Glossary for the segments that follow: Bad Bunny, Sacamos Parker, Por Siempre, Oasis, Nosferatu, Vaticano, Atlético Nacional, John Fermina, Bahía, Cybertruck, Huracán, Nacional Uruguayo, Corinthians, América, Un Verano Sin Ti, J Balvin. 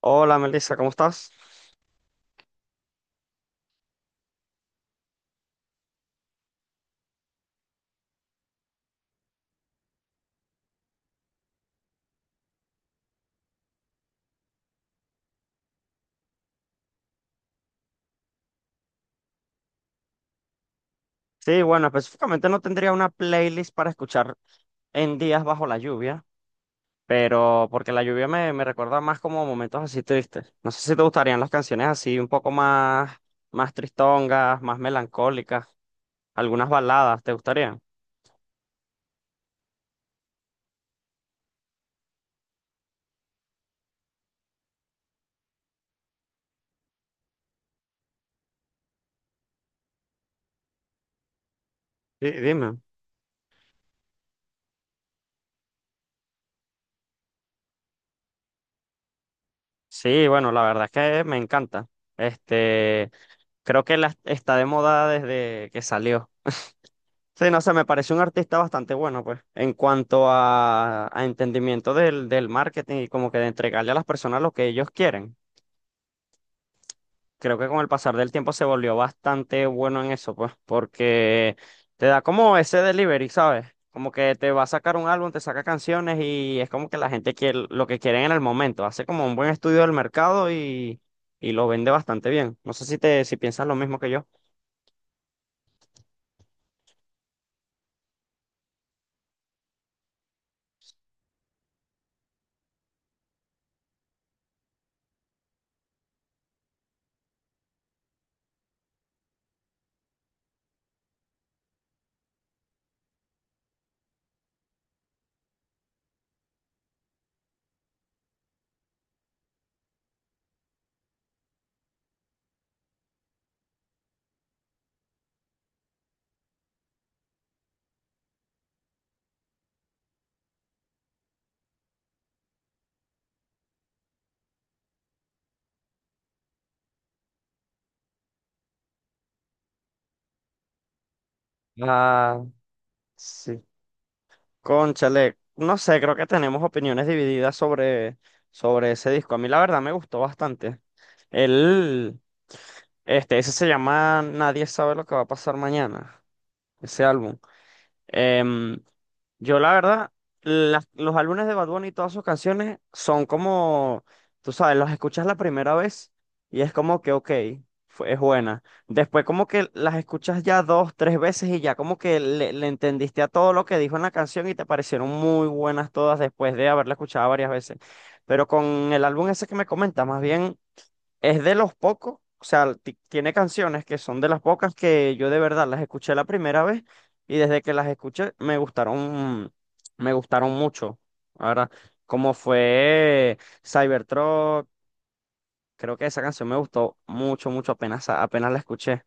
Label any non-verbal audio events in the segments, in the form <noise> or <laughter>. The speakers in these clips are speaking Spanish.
Hola Melissa, ¿cómo estás? Sí, bueno, específicamente no tendría una playlist para escuchar en días bajo la lluvia, pero porque la lluvia me recuerda más como momentos así tristes. No sé si te gustarían las canciones así un poco más, más tristongas, más melancólicas, algunas baladas, ¿te gustarían? Sí, dime. Sí, bueno, la verdad es que me encanta. Este, Creo que la, está de moda desde que salió. Sí, no sé, me parece un artista bastante bueno, pues, en cuanto a entendimiento del marketing y como que de entregarle a las personas lo que ellos quieren. Creo que con el pasar del tiempo se volvió bastante bueno en eso, pues, porque te da como ese delivery, ¿sabes? Como que te va a sacar un álbum, te saca canciones y es como que la gente quiere lo que quieren en el momento. Hace como un buen estudio del mercado y lo vende bastante bien. No sé si te, si piensas lo mismo que yo. Ah, sí. Cónchale, no sé, creo que tenemos opiniones divididas sobre, sobre ese disco. A mí la verdad me gustó bastante. Él, este, ese se llama Nadie sabe lo que va a pasar mañana, ese álbum. Em, yo la verdad, los álbumes de Bad Bunny y todas sus canciones son como, tú sabes, los escuchas la primera vez y es como que, ok, fue, es buena. Después como que las escuchas ya dos, tres veces y ya como que le entendiste a todo lo que dijo en la canción y te parecieron muy buenas todas después de haberla escuchado varias veces. Pero con el álbum ese que me comentas, más bien... Es de los pocos, o sea, tiene canciones que son de las pocas que yo de verdad las escuché la primera vez y desde que las escuché me gustaron mucho. Ahora, como fue Cybertruck, creo que esa canción me gustó mucho, mucho, apenas, apenas la escuché.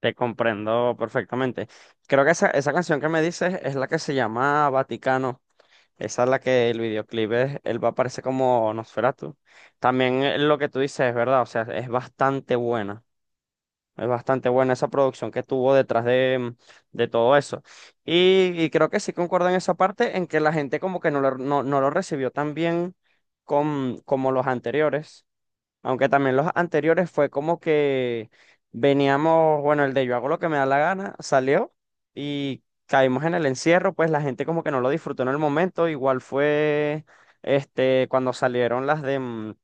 Te comprendo perfectamente. Creo que esa canción que me dices es la que se llama Vaticano. Esa es la que el videoclip es, él va a aparecer como Nosferatu. También lo que tú dices es verdad, o sea, es bastante buena. Es bastante buena esa producción que tuvo detrás de, de todo eso. Y creo que sí concuerdo en esa parte en que la gente como que no lo, no, no lo recibió tan bien con, como los anteriores. Aunque también los anteriores fue como que veníamos, bueno, el de yo hago lo que me da la gana, salió y caímos en el encierro, pues la gente como que no lo disfrutó en el momento, igual fue este cuando salieron las de mm,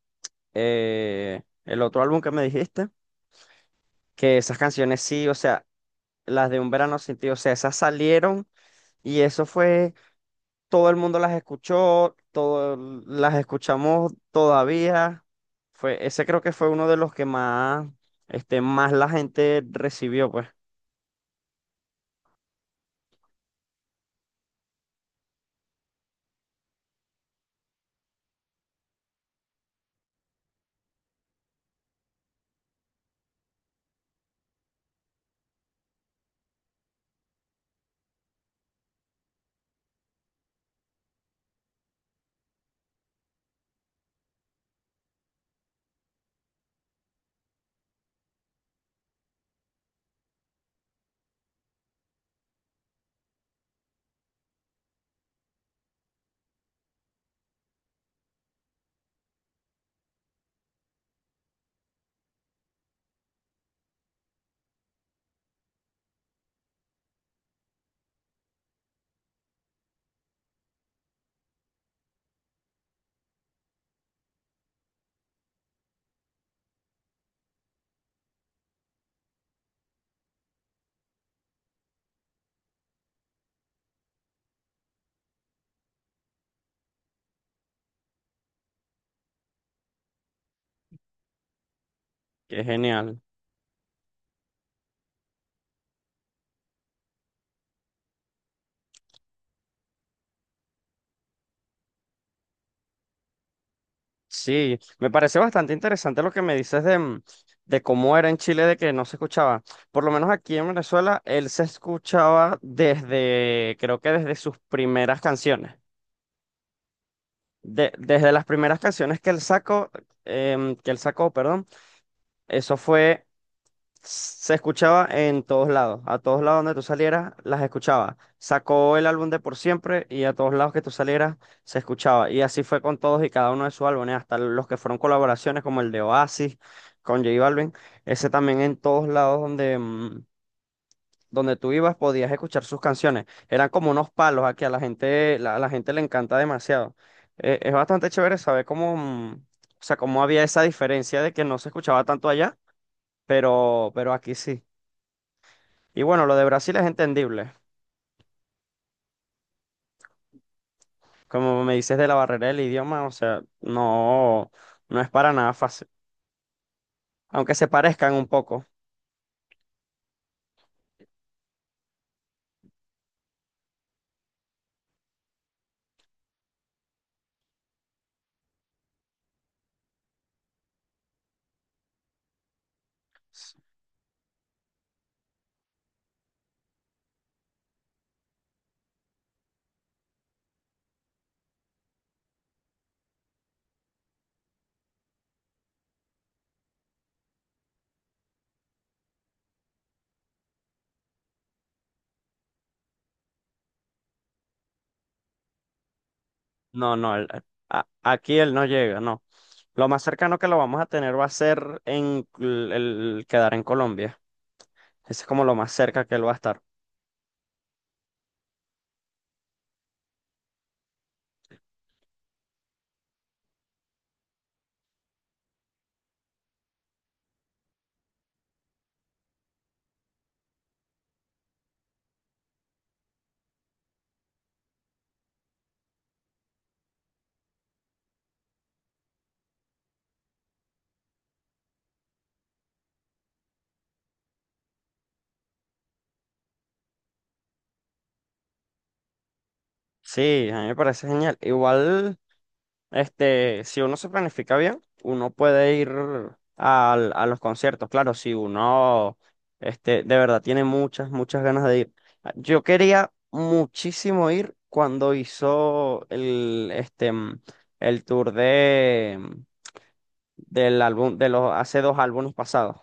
eh, el otro álbum que me dijiste, que esas canciones sí, o sea, las de Un Verano Sin Ti, o sea, esas salieron y eso fue todo el mundo las escuchó, todo, las escuchamos todavía. Fue, ese creo que fue uno de los que más, este, más la gente recibió, pues. Qué genial. Sí, me parece bastante interesante lo que me dices de, de cómo era en Chile, de que no se escuchaba. Por lo menos aquí en Venezuela, él se escuchaba desde, creo que desde sus primeras canciones. Desde las primeras canciones que él sacó, que él sacó, perdón, eso fue se escuchaba en todos lados. A todos lados donde tú salieras, las escuchaba. Sacó el álbum de Por Siempre y a todos lados que tú salieras, se escuchaba. Y así fue con todos y cada uno de sus álbumes, hasta los que fueron colaboraciones, como el de Oasis con J Balvin. Ese también en todos lados donde, donde tú ibas podías escuchar sus canciones. Eran como unos palos aquí, a la gente, la, a la gente le encanta demasiado. Es bastante chévere saber cómo, o sea, cómo había esa diferencia de que no se escuchaba tanto allá, pero aquí sí. Y bueno, lo de Brasil es entendible. Como me dices de la barrera del idioma, o sea, no, no es para nada fácil. Aunque se parezcan un poco. No, no, aquí él no llega, no. Lo más cercano que lo vamos a tener va a ser en el quedar en Colombia. Ese es como lo más cerca que él va a estar. Sí, a mí me parece genial. Igual. Este, si uno se planifica bien, uno puede ir a los conciertos. Claro, si uno, este, de verdad tiene muchas, muchas ganas de ir. Ah, yo quería muchísimo ir cuando hizo el, el tour de, del álbum, de los hace dos álbumes pasados,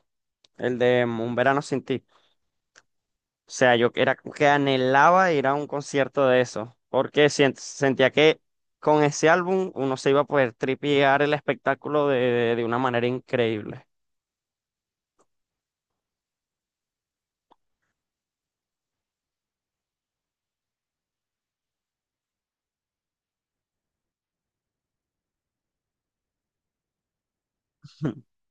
el de Un Verano Sin Ti. O sea, yo era como que anhelaba ir a un concierto de eso, porque sentía que con ese álbum uno se iba a poder tripear el espectáculo de una manera increíble. <laughs>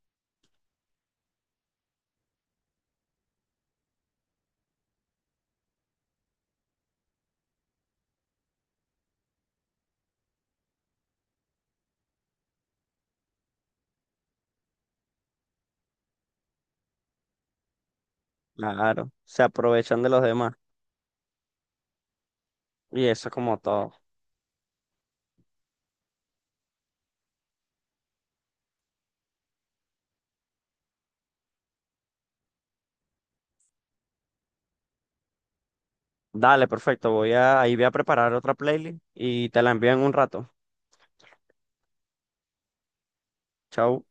Claro, se aprovechan de los demás y eso es como todo. Dale, perfecto, voy a, ahí voy a preparar otra playlist y te la envío en un rato. Chau.